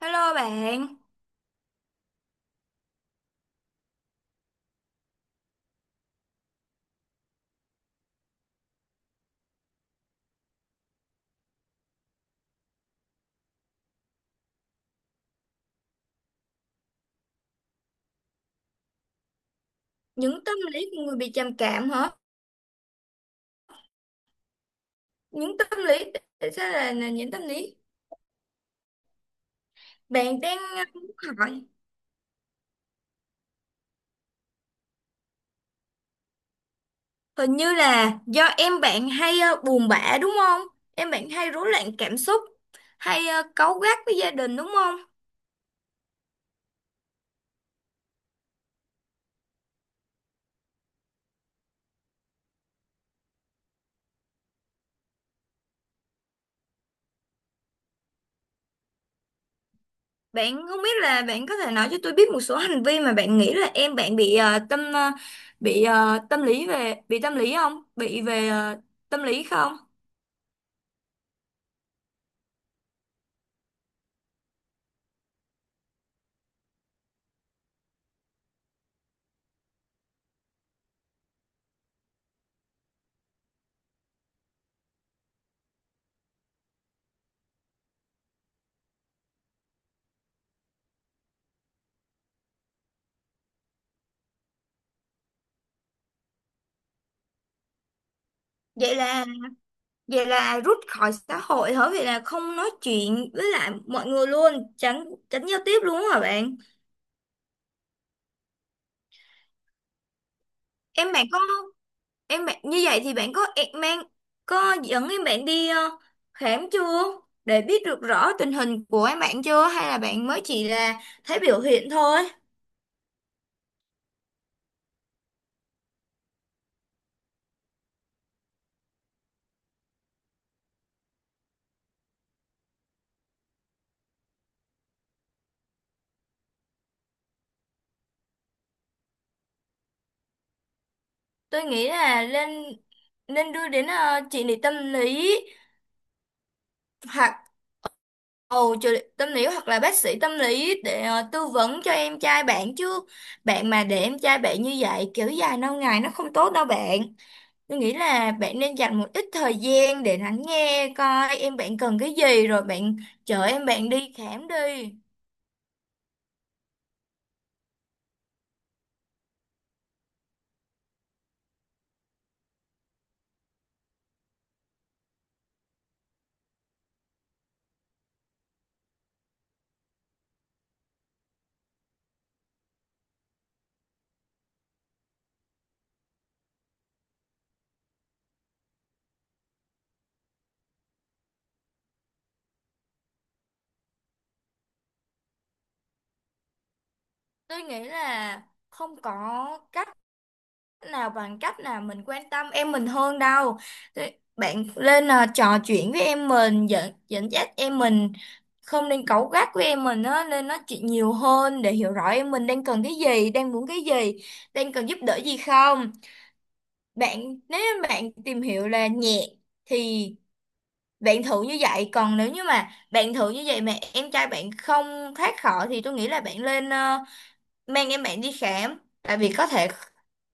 Hello bạn, những tâm lý của người bị trầm cảm hả? Những tâm lý, tại sao là những tâm lý? Bạn đang muốn hỏi, hình như là do em bạn hay buồn bã đúng không? Em bạn hay rối loạn cảm xúc, hay cáu gắt với gia đình đúng không? Bạn không biết là bạn có thể nói cho tôi biết một số hành vi mà bạn nghĩ là em bạn bị tâm lý về bị tâm lý không? Bị về tâm lý không? Vậy là Vậy là rút khỏi xã hội hả? Vậy là không nói chuyện với lại mọi người luôn, tránh tránh giao tiếp luôn hả bạn? Em bạn có em bạn như vậy thì bạn có em mang có dẫn em bạn đi khám chưa? Để biết được rõ tình hình của em bạn chưa hay là bạn mới chỉ là thấy biểu hiện thôi? Tôi nghĩ là nên nên đưa đến trị liệu tâm lý hoặc trợ lý tâm lý hoặc là bác sĩ tâm lý để tư vấn cho em trai bạn chứ. Bạn mà để em trai bạn như vậy kiểu dài lâu ngày nó không tốt đâu bạn. Tôi nghĩ là bạn nên dành một ít thời gian để lắng nghe coi em bạn cần cái gì rồi bạn chở em bạn đi khám đi. Tôi nghĩ là không có cách nào bằng cách là mình quan tâm em mình hơn đâu. Thế bạn lên trò chuyện với em mình, dẫn dẫn dắt em mình, không nên cáu gắt với em mình á, nên nói chuyện nhiều hơn để hiểu rõ em mình đang cần cái gì, đang muốn cái gì, đang cần giúp đỡ gì không. Bạn nếu như bạn tìm hiểu là nhẹ thì bạn thử như vậy, còn nếu như mà bạn thử như vậy mà em trai bạn không thoát khỏi thì tôi nghĩ là bạn lên mang em bạn đi khám tại vì có thể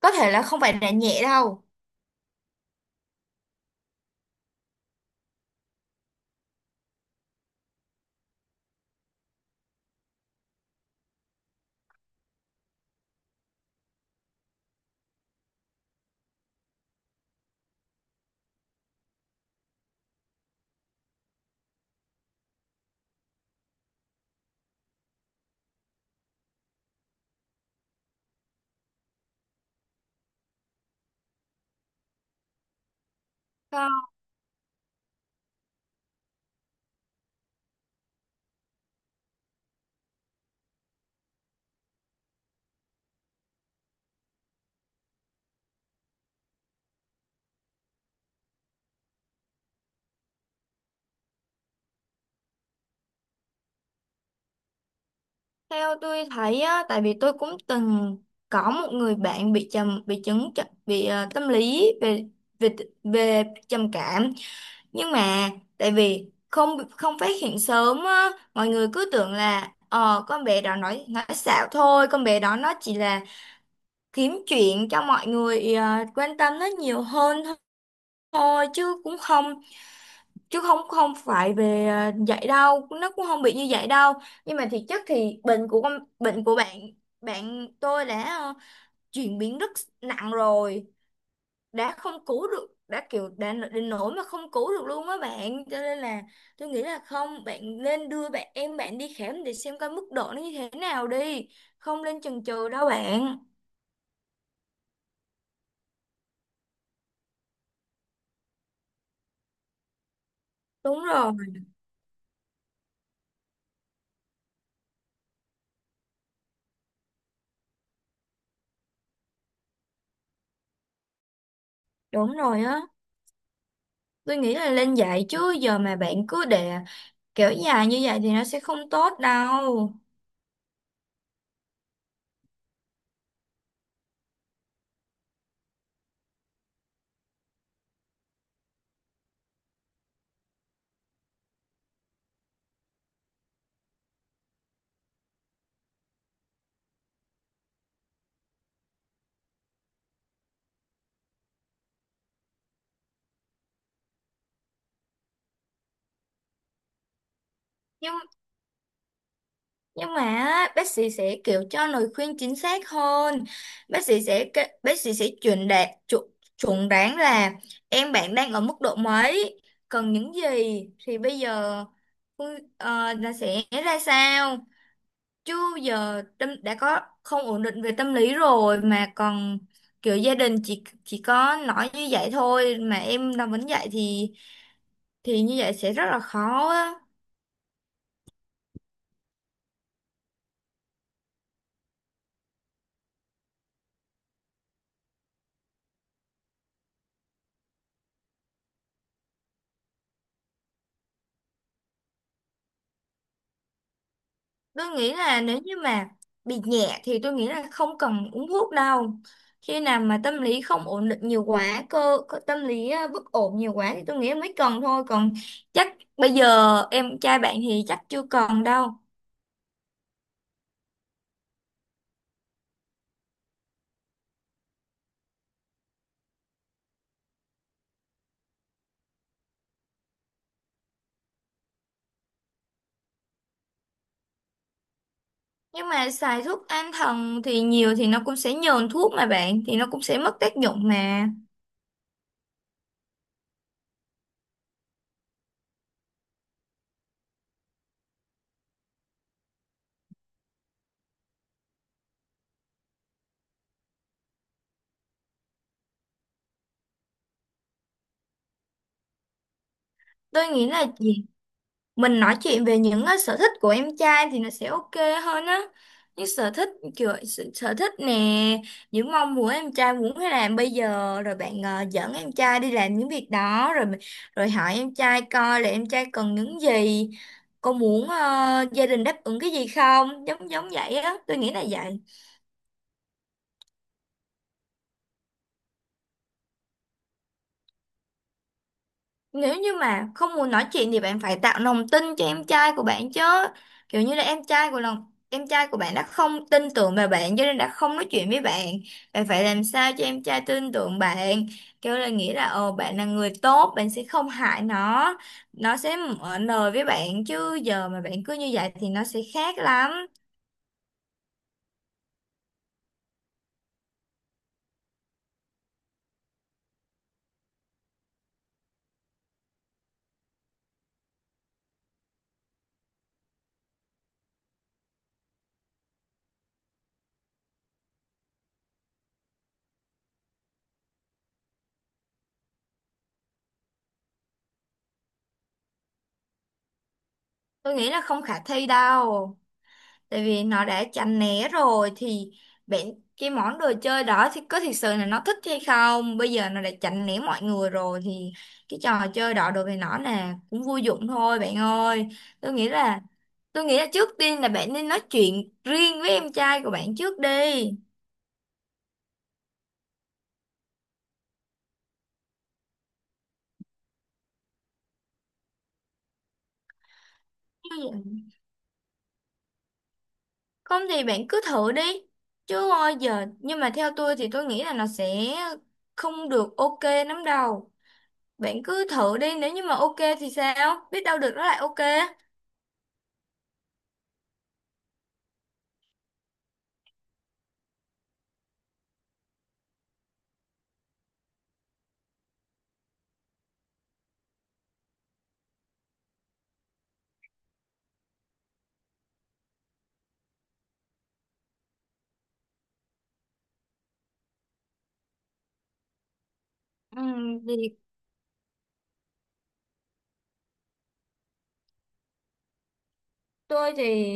là không phải là nhẹ đâu. Theo tôi thấy á, tại vì tôi cũng từng có một người bạn bị trầm bị chứng tr- bị ờ, tâm lý về về về trầm cảm, nhưng mà tại vì không không phát hiện sớm á, mọi người cứ tưởng là ờ con bé đó nói xạo thôi, con bé đó nó chỉ là kiếm chuyện cho mọi người quan tâm nó nhiều hơn thôi, chứ cũng không chứ không không phải về vậy đâu, nó cũng không bị như vậy đâu. Nhưng mà thiệt chất thì bệnh của con bệnh của bạn bạn tôi đã chuyển biến rất nặng rồi, đã không cứu được, đã kiểu đã đến nỗi mà không cứu được luôn á bạn, cho nên là tôi nghĩ là không, bạn nên đưa em bạn đi khám để xem coi mức độ nó như thế nào đi, không nên chần chừ đâu bạn. Đúng rồi. Đúng rồi á. Tôi nghĩ là lên dạy chứ giờ mà bạn cứ để kiểu dài như vậy thì nó sẽ không tốt đâu. Nhưng nhưng mà á, bác sĩ sẽ kiểu cho lời khuyên chính xác hơn, bác sĩ sẽ chuẩn đoán là em bạn đang ở mức độ mấy, cần những gì, thì bây giờ là sẽ ra sao, chứ giờ tâm đã có không ổn định về tâm lý rồi mà còn kiểu gia đình chỉ có nói như vậy thôi mà em làm vẫn vậy thì như vậy sẽ rất là khó á. Tôi nghĩ là nếu như mà bị nhẹ thì tôi nghĩ là không cần uống thuốc đâu. Khi nào mà tâm lý không ổn định nhiều quá, cơ, cơ tâm lý bất ổn nhiều quá thì tôi nghĩ mới cần thôi. Còn chắc bây giờ em trai bạn thì chắc chưa cần đâu. Nhưng mà xài thuốc an thần thì nhiều thì nó cũng sẽ nhờn thuốc mà bạn, thì nó cũng sẽ mất tác dụng mà. Tôi nghĩ là chỉ mình nói chuyện về những sở thích của em trai thì nó sẽ ok hơn á, những sở thích kiểu sở thích nè, những mong muốn em trai muốn hay làm bây giờ rồi bạn dẫn em trai đi làm những việc đó rồi, rồi hỏi em trai coi là em trai cần những gì, có muốn gia đình đáp ứng cái gì không, giống giống vậy á, tôi nghĩ là vậy. Nếu như mà không muốn nói chuyện thì bạn phải tạo lòng tin cho em trai của bạn chứ. Kiểu như là em trai của lòng em trai của bạn đã không tin tưởng vào bạn cho nên đã không nói chuyện với bạn. Bạn phải làm sao cho em trai tin tưởng bạn. Kiểu là nghĩ là ồ bạn là người tốt, bạn sẽ không hại nó. Nó sẽ mở lời với bạn chứ giờ mà bạn cứ như vậy thì nó sẽ khác lắm. Tôi nghĩ là không khả thi đâu. Tại vì nó đã chán né rồi thì bạn, cái món đồ chơi đó thì có thực sự là nó thích hay không, bây giờ nó đã chán né mọi người rồi thì cái trò chơi đó đối với nó là cũng vô dụng thôi bạn ơi. tôi nghĩ là tôi nghĩ là trước tiên là bạn nên nói chuyện riêng với em trai của bạn trước đi. Ừ. Không thì bạn cứ thử đi, chứ ôi giờ nhưng mà theo tôi thì tôi nghĩ là nó sẽ không được ok lắm đâu. Bạn cứ thử đi, nếu như mà ok thì sao biết đâu được nó lại ok. Ừ, vì tôi thì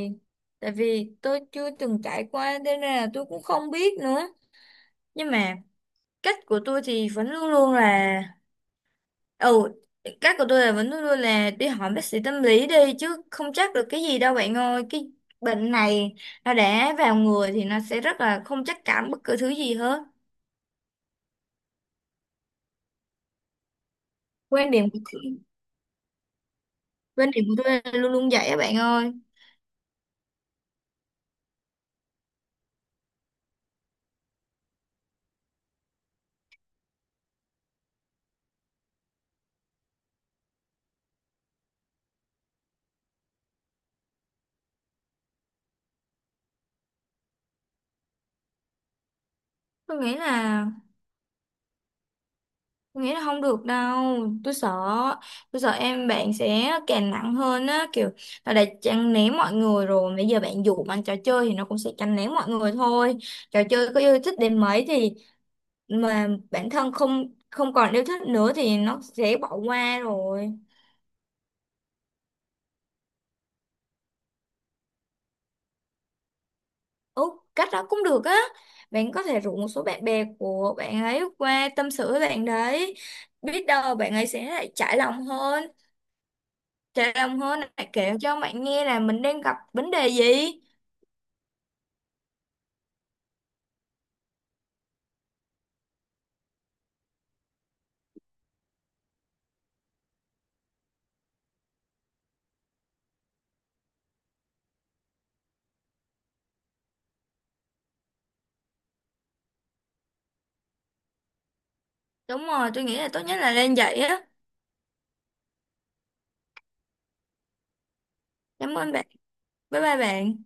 tại vì tôi chưa từng trải qua nên là tôi cũng không biết nữa. Nhưng mà cách của tôi thì vẫn luôn luôn là ừ, cách của tôi là vẫn luôn luôn là đi hỏi bác sĩ tâm lý đi chứ không chắc được cái gì đâu bạn ơi, cái bệnh này nó đã vào người thì nó sẽ rất là không chắc cảm bất cứ thứ gì hết. quan điểm của Quan điểm của tôi là luôn luôn vậy á bạn ơi. tôi nghĩ là Tôi nghĩ là không được đâu. tôi sợ tôi sợ em bạn sẽ càng nặng hơn á, kiểu là đã chăn ném mọi người rồi, bây giờ bạn dụ bằng trò chơi thì nó cũng sẽ chăn ném mọi người thôi, trò chơi có yêu thích đến mấy thì mà bản thân không không còn yêu thích nữa thì nó sẽ bỏ qua rồi. Ừ, cách đó cũng được á. Bạn có thể rủ một số bạn bè của bạn ấy qua tâm sự với bạn đấy, biết đâu bạn ấy sẽ lại trải lòng hơn, lại kể cho bạn nghe là mình đang gặp vấn đề gì. Đúng rồi, tôi nghĩ là tốt nhất là nên vậy á. Cảm ơn bạn. Bye bye bạn.